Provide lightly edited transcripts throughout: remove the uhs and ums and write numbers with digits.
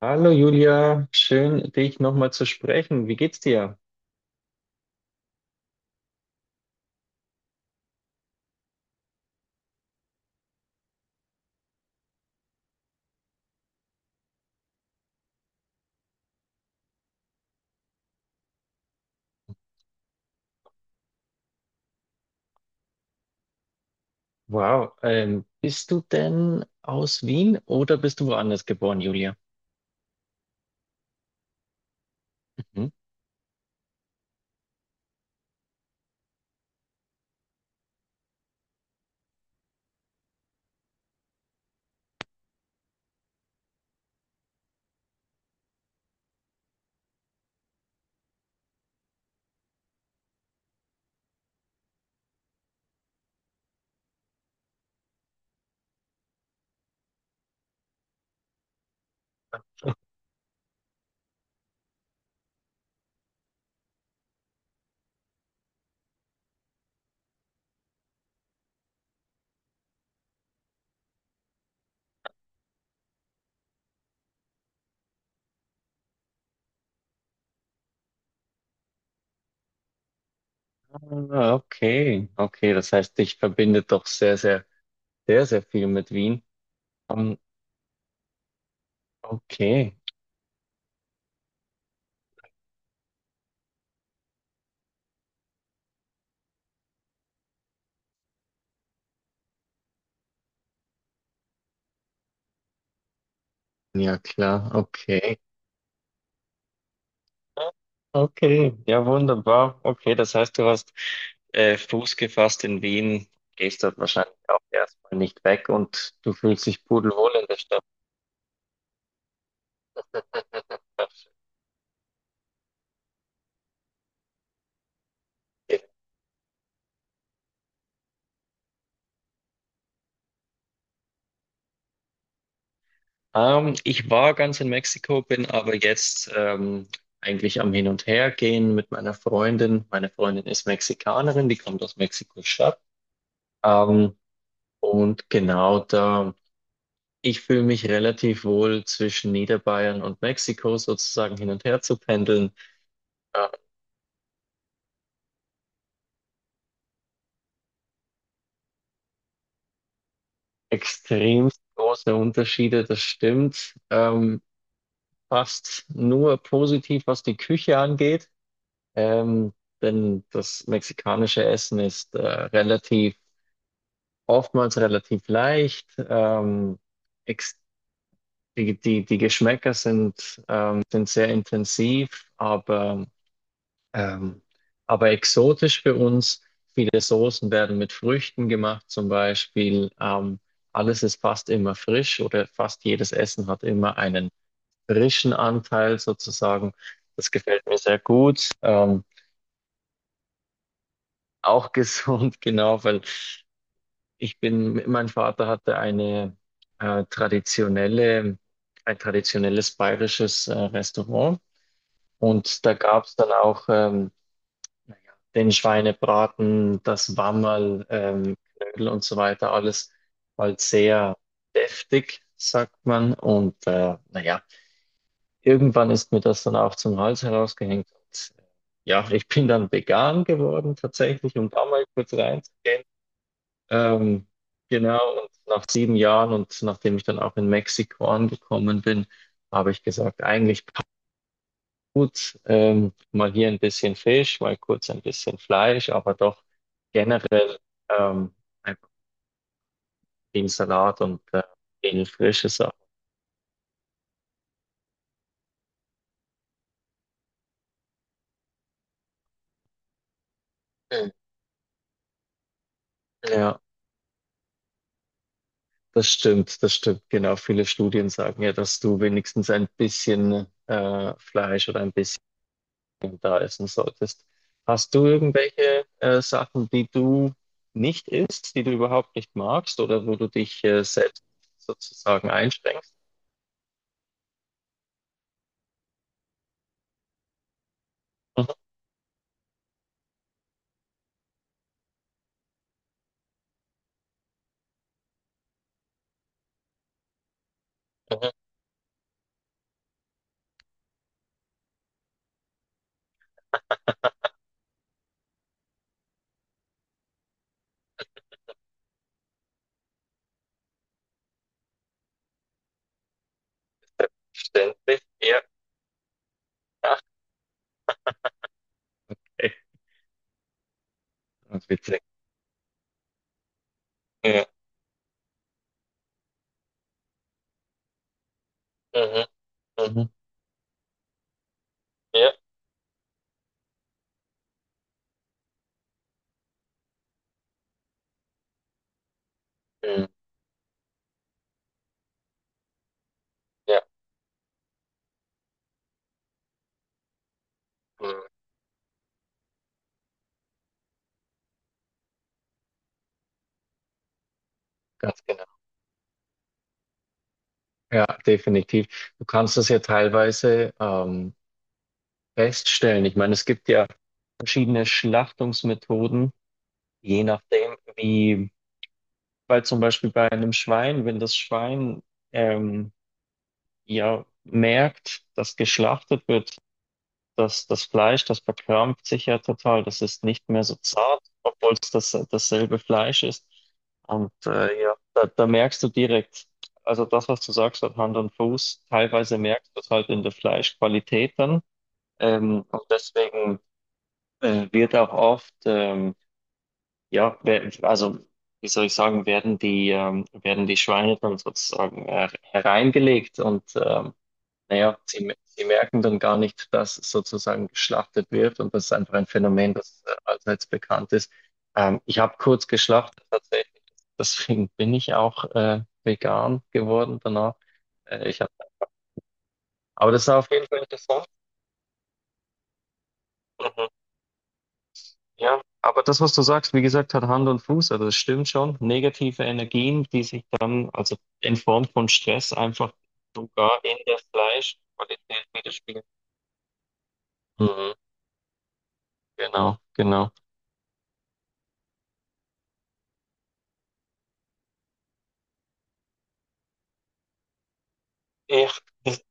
Hallo Julia, schön dich nochmal zu sprechen. Wie geht's dir? Wow, bist du denn aus Wien oder bist du woanders geboren, Julia? Mhm. Ah, okay, okay, das heißt, dich verbindet doch sehr viel mit Wien. Ähm, okay, ja klar, okay. Okay, ja wunderbar. Okay, das heißt, du hast Fuß gefasst in Wien, gehst dort wahrscheinlich auch erstmal nicht weg und du fühlst dich pudelwohl in der Stadt. Ich war ganz in Mexiko, bin aber jetzt eigentlich am Hin und Her gehen mit meiner Freundin. Meine Freundin ist Mexikanerin, die kommt aus Mexiko-Stadt. Ähm, und genau da, ich fühle mich relativ wohl zwischen Niederbayern und Mexiko sozusagen hin und her zu pendeln. Äh, extrem große Unterschiede, das stimmt. Fast nur positiv, was die Küche angeht. Ähm, denn das mexikanische Essen ist relativ oftmals relativ leicht. Ex Die Geschmäcker sind, sind sehr intensiv, ähm, aber exotisch für uns. Viele Soßen werden mit Früchten gemacht, zum Beispiel. Alles ist fast immer frisch oder fast jedes Essen hat immer einen frischen Anteil sozusagen. Das gefällt mir sehr gut. Auch gesund, genau, weil ich bin, mein Vater hatte eine äh, traditionelle, ein traditionelles bayerisches Restaurant und da gab es dann auch naja, den Schweinebraten, das Wammerl, Knödel und so weiter, alles halt sehr deftig, sagt man. Und naja, irgendwann ist mir das dann auch zum Hals herausgehängt. Und, ja, ich bin dann vegan geworden tatsächlich, um da mal kurz reinzugehen. Ähm, genau, und nach 7 Jahren und nachdem ich dann auch in Mexiko angekommen bin, habe ich gesagt, eigentlich gut, mal hier ein bisschen Fisch, mal kurz ein bisschen Fleisch, aber doch generell ähm, einfach viel Salat und viel frische Sachen. Mhm. Ja, das stimmt, das stimmt. Genau, viele Studien sagen ja, dass du wenigstens ein bisschen Fleisch oder ein bisschen da essen solltest. Hast du irgendwelche Sachen, die du nicht isst, die du überhaupt nicht magst oder wo du dich selbst sozusagen einschränkst? Mhm, mhm. Verständlich, ja, ach, echt ganz witzig. Ja, mhm, mhm, ja, mhm, ja, mhm, ganz genau. Ja, definitiv. Du kannst das ja teilweise feststellen. Ich meine, es gibt ja verschiedene Schlachtungsmethoden, je nachdem, wie. Weil zum Beispiel bei einem Schwein, wenn das Schwein ähm, ja merkt, dass geschlachtet wird, dass das Fleisch, das verkrampft sich ja total, das ist nicht mehr so zart, obwohl es das, dasselbe Fleisch ist. Und ja, da merkst du direkt, also das, was du sagst, hat Hand und Fuß. Teilweise merkst du es halt in der Fleischqualität dann. Und deswegen wird auch oft ja, also wie soll ich sagen, werden die Schweine dann sozusagen hereingelegt und naja, sie merken dann gar nicht, dass sozusagen geschlachtet wird und das ist einfach ein Phänomen, das allseits bekannt ist. Ich habe kurz geschlachtet tatsächlich, deswegen bin ich auch vegan geworden danach. Äh, ich hab, aber das war auf jeden Fall interessant. Mhm. Ja, aber das, was du sagst, wie gesagt, hat Hand und Fuß, also das stimmt schon. Negative Energien, die sich dann, also in Form von Stress, einfach sogar in der Fleischqualität widerspiegeln. Mhm. Genau, genau. Ja, das,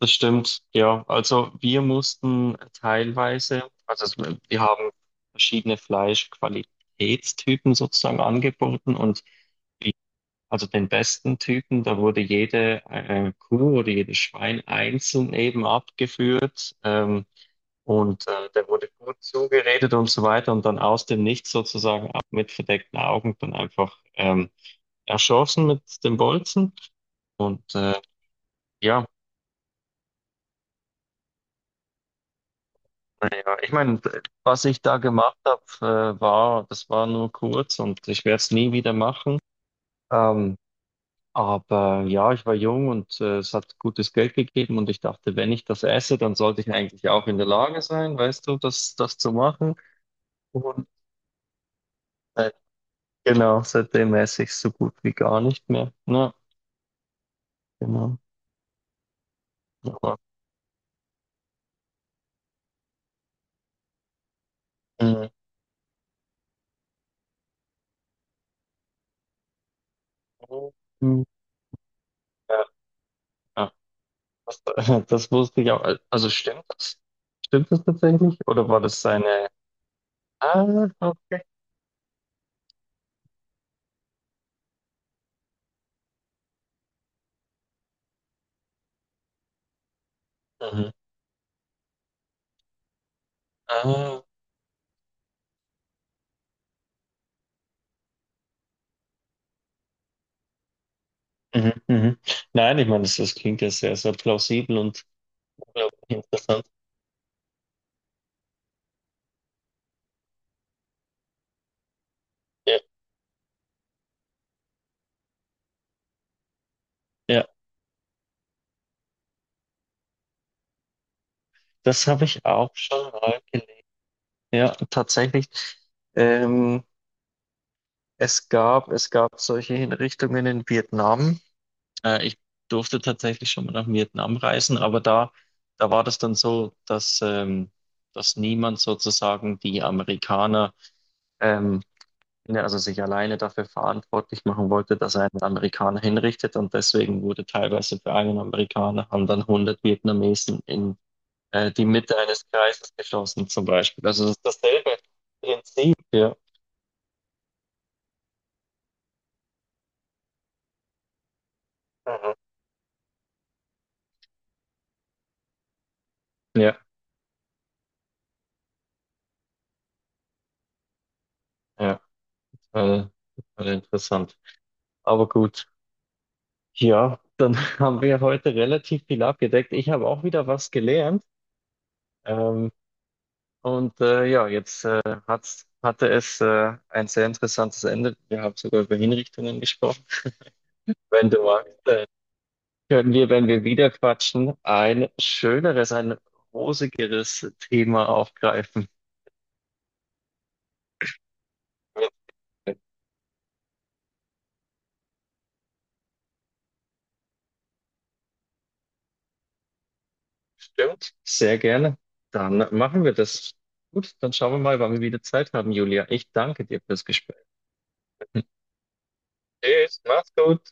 das stimmt, ja. Also wir mussten teilweise, also es- wir haben verschiedene Fleischqualitätstypen sozusagen angeboten und. Also den besten Typen, da wurde jede Kuh oder jedes Schwein einzeln eben abgeführt, und der wurde gut zugeredet und so weiter und dann aus dem Nichts sozusagen ab mit verdeckten Augen dann einfach erschossen mit dem Bolzen. Und ja, naja, ich meine, was ich da gemacht habe, war, das war nur kurz und ich werde es nie wieder machen. Ähm, Aber ja, ich war jung und es hat gutes Geld gegeben und ich dachte, wenn ich das esse, dann sollte ich eigentlich auch in der Lage sein, weißt du, das zu machen. Und äh, genau, seitdem esse ich so gut wie gar nicht mehr. Ja, genau. Aber, mm, mm, ja, ja, das, das wusste ich auch. Also stimmt das? Stimmt das tatsächlich? Oder war das seine... Ah, okay. Mhm. Ah, mhm, mhm. Nein, ich meine, das klingt ja sehr, sehr plausibel und unglaublich interessant. Ja. Ja. Das habe ich auch schon mal gelesen. Ja, tatsächlich. Ähm, es gab solche Hinrichtungen in Vietnam. Ich durfte tatsächlich schon mal nach Vietnam reisen, aber da war das dann so, dass, dass niemand sozusagen die Amerikaner, ähm, ne, also sich alleine dafür verantwortlich machen wollte, dass er einen Amerikaner hinrichtet. Und deswegen wurde teilweise für einen Amerikaner haben dann 100 Vietnamesen in die Mitte eines Kreises geschossen zum Beispiel. Also das ist dasselbe Prinzip, ja. Mhm. Ja, ja, äh, total interessant. Aber gut, ja, dann haben wir heute relativ viel abgedeckt. Ich habe auch wieder was gelernt. Ähm, ja, jetzt hatte es ein sehr interessantes Ende. Wir haben sogar über Hinrichtungen gesprochen. Wenn du magst, können wir, wenn wir wieder quatschen, ein rosigeres Thema aufgreifen. Stimmt, sehr gerne. Dann machen wir das. Gut, dann schauen wir mal, wann wir wieder Zeit haben, Julia. Ich danke dir fürs Gespräch. Tschüss, mach's gut.